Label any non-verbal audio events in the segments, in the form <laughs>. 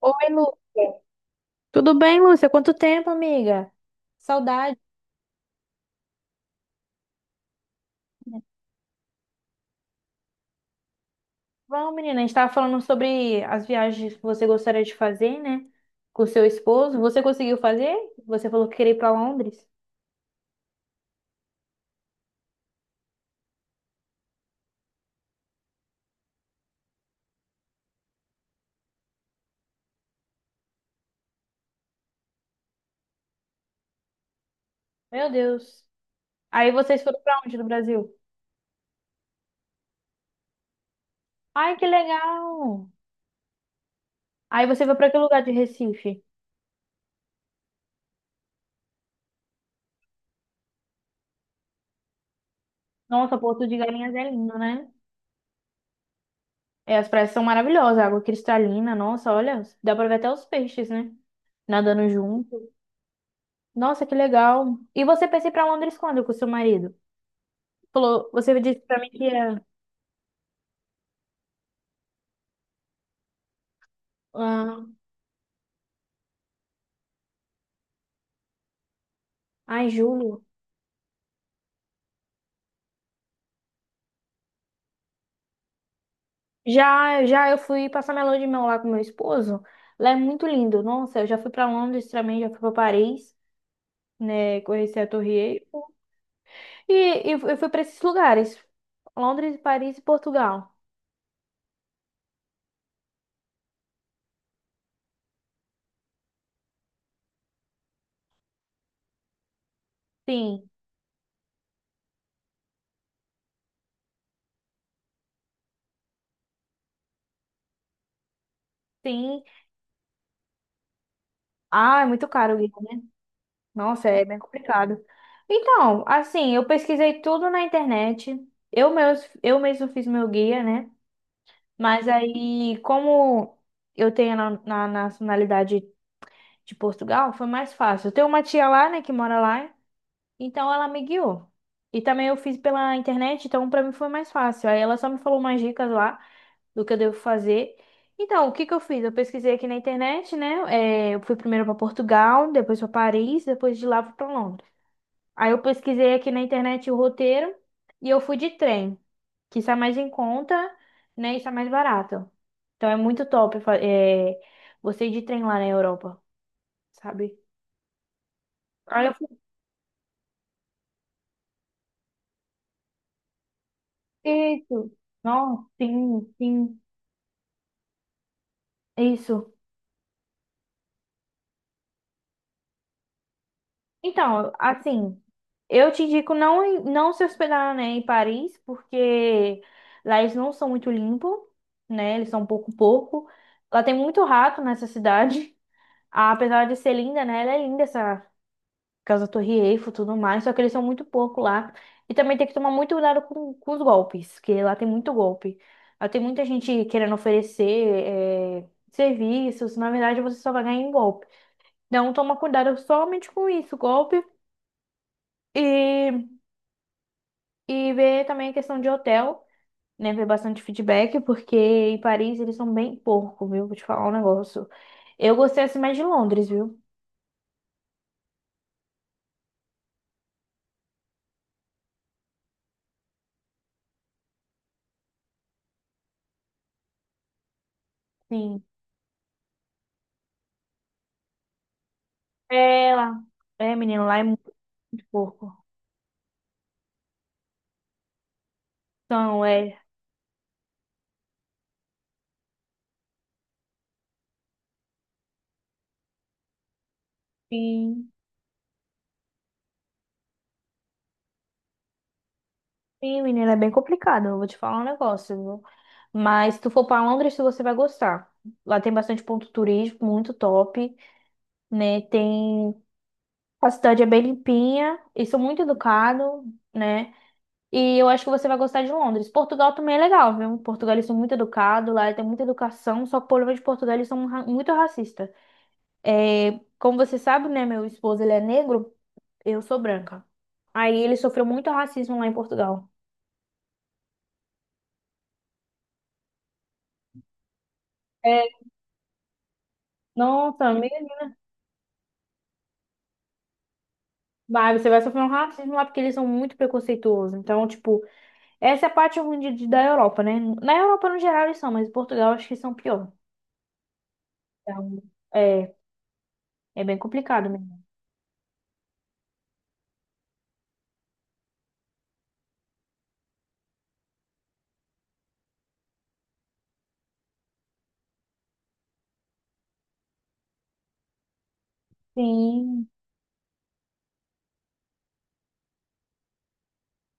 Oi, Lúcia. Tudo bem, Lúcia? Quanto tempo, amiga? Saudade. Bom, menina, a gente estava falando sobre as viagens que você gostaria de fazer, né? Com seu esposo. Você conseguiu fazer? Você falou que queria ir para Londres. Meu Deus. Aí vocês foram para onde no Brasil? Ai, que legal. Aí você foi para que lugar de Recife? Nossa, Porto de Galinhas é lindo, né? É, as praias são maravilhosas, água cristalina, nossa, olha, dá para ver até os peixes, né? Nadando junto. Nossa, que legal. E você pensa em ir pra Londres quando com seu marido? Falou, você disse pra mim que ia ah, em julho. Já, já eu fui passar minha lua de mel lá com meu esposo. Lá é muito lindo. Nossa, eu já fui pra Londres também, já fui pra Paris, né? Conheci a Torre Eiffel. E, e eu fui pra esses lugares. Londres, Paris e Portugal. Sim, sim. Ah, é muito caro, Guilherme, né? Nossa, é bem complicado. Então, assim, eu pesquisei tudo na internet. Eu mesmo fiz meu guia, né? Mas aí, como eu tenho na nacionalidade de Portugal, foi mais fácil. Eu tenho uma tia lá, né, que mora lá, então ela me guiou. E também eu fiz pela internet, então pra mim foi mais fácil. Aí ela só me falou umas dicas lá do que eu devo fazer. Então, o que que eu fiz? Eu pesquisei aqui na internet, né? É, eu fui primeiro pra Portugal, depois pra Paris, depois de lá fui pra Londres. Aí eu pesquisei aqui na internet o roteiro e eu fui de trem, que está mais em conta, né? E está mais barato. Então é muito top, é, você ir de trem lá na Europa, sabe? Aí eu fui, isso. Não, sim, sim, isso. Então, assim, eu te indico não, não se hospedar, né, em Paris, porque lá eles não são muito limpos, né? Eles são um pouco pouco. Lá tem muito rato nessa cidade. <laughs> Apesar de ser linda, né? Ela é linda essa causa da Torre Eiffel e tudo mais, só que eles são muito porco lá. E também tem que tomar muito cuidado com os golpes, que lá tem muito golpe. Lá tem muita gente querendo oferecer serviços, na verdade você só vai ganhar em golpe. Então toma cuidado somente com isso, golpe. E, e ver também a questão de hotel, né? Ver bastante feedback, porque em Paris eles são bem porco, viu? Vou te falar um negócio. Eu gostei assim mais de Londres, viu? Sim. É lá. É, menino, lá é muito porco. Então, é. Sim. Sim, menina, é bem complicado. Eu vou te falar um negócio, viu? Mas se tu for pra Londres, você vai gostar. Lá tem bastante ponto turístico, muito top, né? Tem a cidade é bem limpinha, e são muito educados, né? E eu acho que você vai gostar de Londres. Portugal também é legal, viu? Portugal eles são muito educados, lá tem muita educação, só que o problema de Portugal eles são muito racistas. É, como você sabe, né? Meu esposo ele é negro, eu sou branca. Aí ele sofreu muito racismo lá em Portugal. É, nossa, amiga. Mas você vai sofrer um racismo lá porque eles são muito preconceituosos. Então, tipo, essa é a parte ruim da Europa, né? Na Europa, no geral, eles são, mas em Portugal, acho que são pior. Então, é, é bem complicado mesmo. Sim,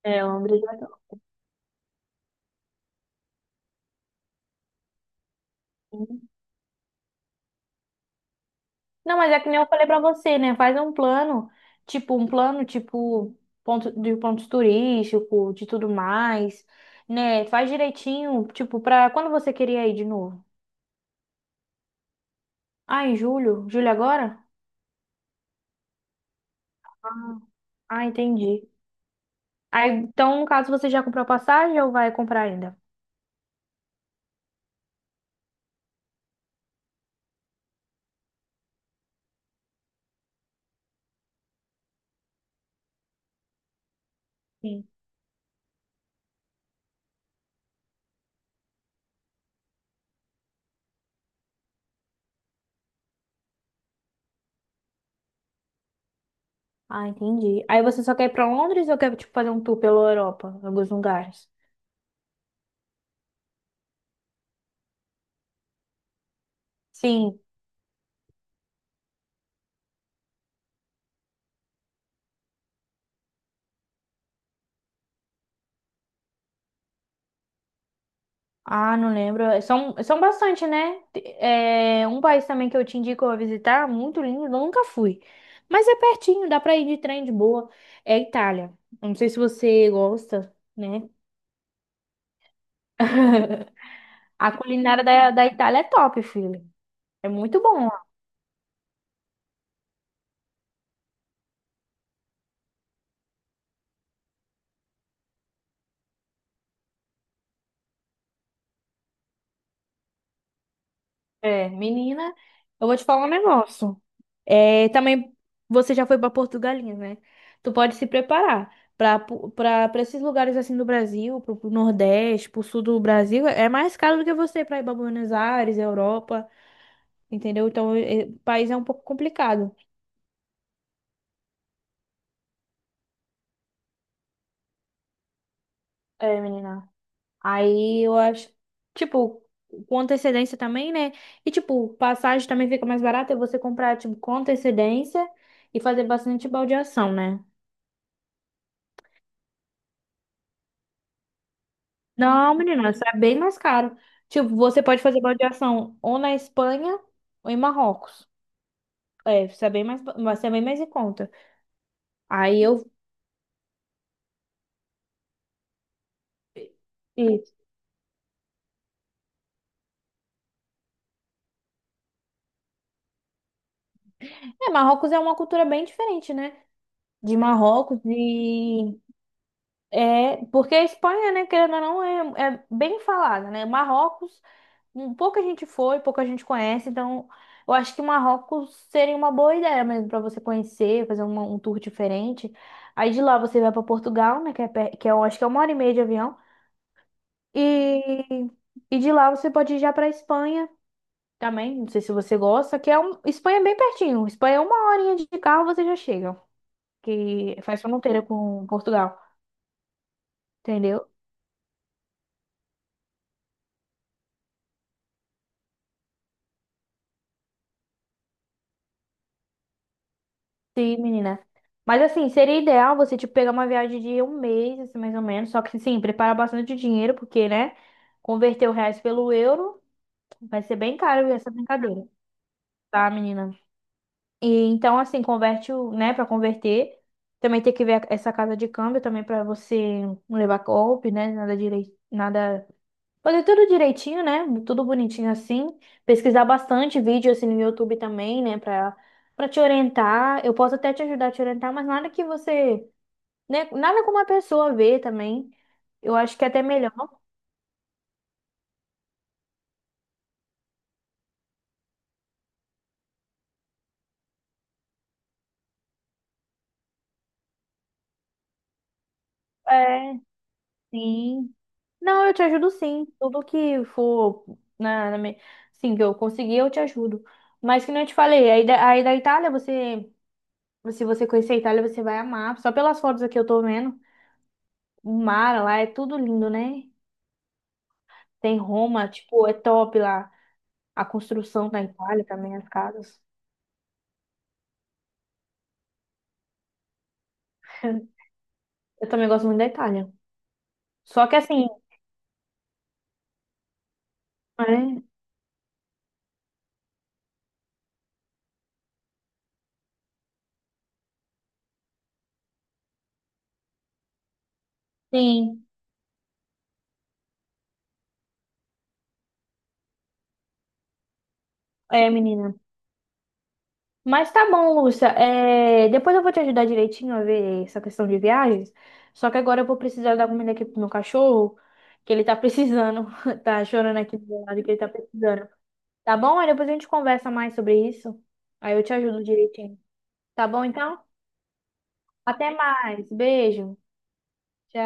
é uma obrigação. Não, mas é que nem eu falei pra você, né? Faz um plano, tipo, ponto, de pontos turísticos, de tudo mais, né? Faz direitinho, tipo, pra quando você queria ir de novo? Ah, em julho? Julho agora? Ah, entendi. Aí, então, no caso, você já comprou a passagem ou vai comprar ainda? Sim. Ah, entendi. Aí você só quer ir pra Londres ou quer, tipo, fazer um tour pela Europa, em alguns lugares? Sim. Ah, não lembro. São, são bastante, né? É, um país também que eu te indico a visitar, muito lindo, eu nunca fui. Mas é pertinho, dá pra ir de trem de boa. É a Itália. Eu não sei se você gosta, né? <laughs> A culinária da Itália é top, filho. É muito bom. É, menina, eu vou te falar um negócio. É, também você já foi para Portugalinha, né? Tu pode se preparar para esses lugares assim do Brasil, para o Nordeste, para o Sul do Brasil, é mais caro do que você para ir para Buenos Aires, Europa, entendeu? Então, o país é um pouco complicado. É, menina. Aí eu acho, tipo, com antecedência também, né? E tipo, passagem também fica mais barata e você comprar tipo com antecedência e fazer bastante baldeação, né? Não, menina, isso é bem mais caro. Tipo, você pode fazer balde ou na Espanha ou em Marrocos. É, isso é bem mais, vai ser bem mais em conta. Aí eu. e- É, Marrocos é uma cultura bem diferente, né? De Marrocos, de. É, porque a Espanha, né, querendo ou não, é, é bem falada, né? Marrocos, um, pouca gente foi, pouca gente conhece, então eu acho que Marrocos seria uma boa ideia mesmo para você conhecer, fazer um tour diferente. Aí de lá você vai para Portugal, né, que é, que é, eu acho que é uma hora e meia de avião, e, e de lá você pode ir já para Espanha também, não sei se você gosta, que é um, Espanha é bem pertinho, Espanha é uma horinha de carro você já chega, que faz fronteira com Portugal. Entendeu? Sim, menina. Mas assim, seria ideal você, tipo, pegar uma viagem de um mês, assim, mais ou menos. Só que, sim, prepara bastante dinheiro, porque, né? Converter o reais pelo euro vai ser bem caro essa brincadeira, tá, menina? E então, assim, converte o, né, pra converter. Também tem que ver essa casa de câmbio também pra você não levar golpe, né? Nada direito, nada. Fazer tudo direitinho, né? Tudo bonitinho assim. Pesquisar bastante vídeo assim no YouTube também, né? Pra, pra te orientar. Eu posso até te ajudar a te orientar, mas nada que você, né? Nada como a pessoa ver também. Eu acho que é até melhor. É, sim. Não, eu te ajudo sim. Tudo que for na, na me- sim, que eu conseguir, eu te ajudo. Mas que nem eu te falei, aí da Itália você, se você conhecer a Itália, você vai amar. Só pelas fotos aqui eu tô vendo, o mar lá é tudo lindo, né? Tem Roma, tipo, é top lá. A construção na Itália também, as casas. <laughs> Eu também gosto muito da Itália. Só que assim, é, sim, é, menina. Mas tá bom, Lúcia. É, depois eu vou te ajudar direitinho a ver essa questão de viagens. Só que agora eu vou precisar dar comida aqui pro meu cachorro, que ele tá precisando. <laughs> Tá chorando aqui do meu lado que ele tá precisando. Tá bom? Aí depois a gente conversa mais sobre isso. Aí eu te ajudo direitinho. Tá bom, então? Até mais. Beijo. Tchau.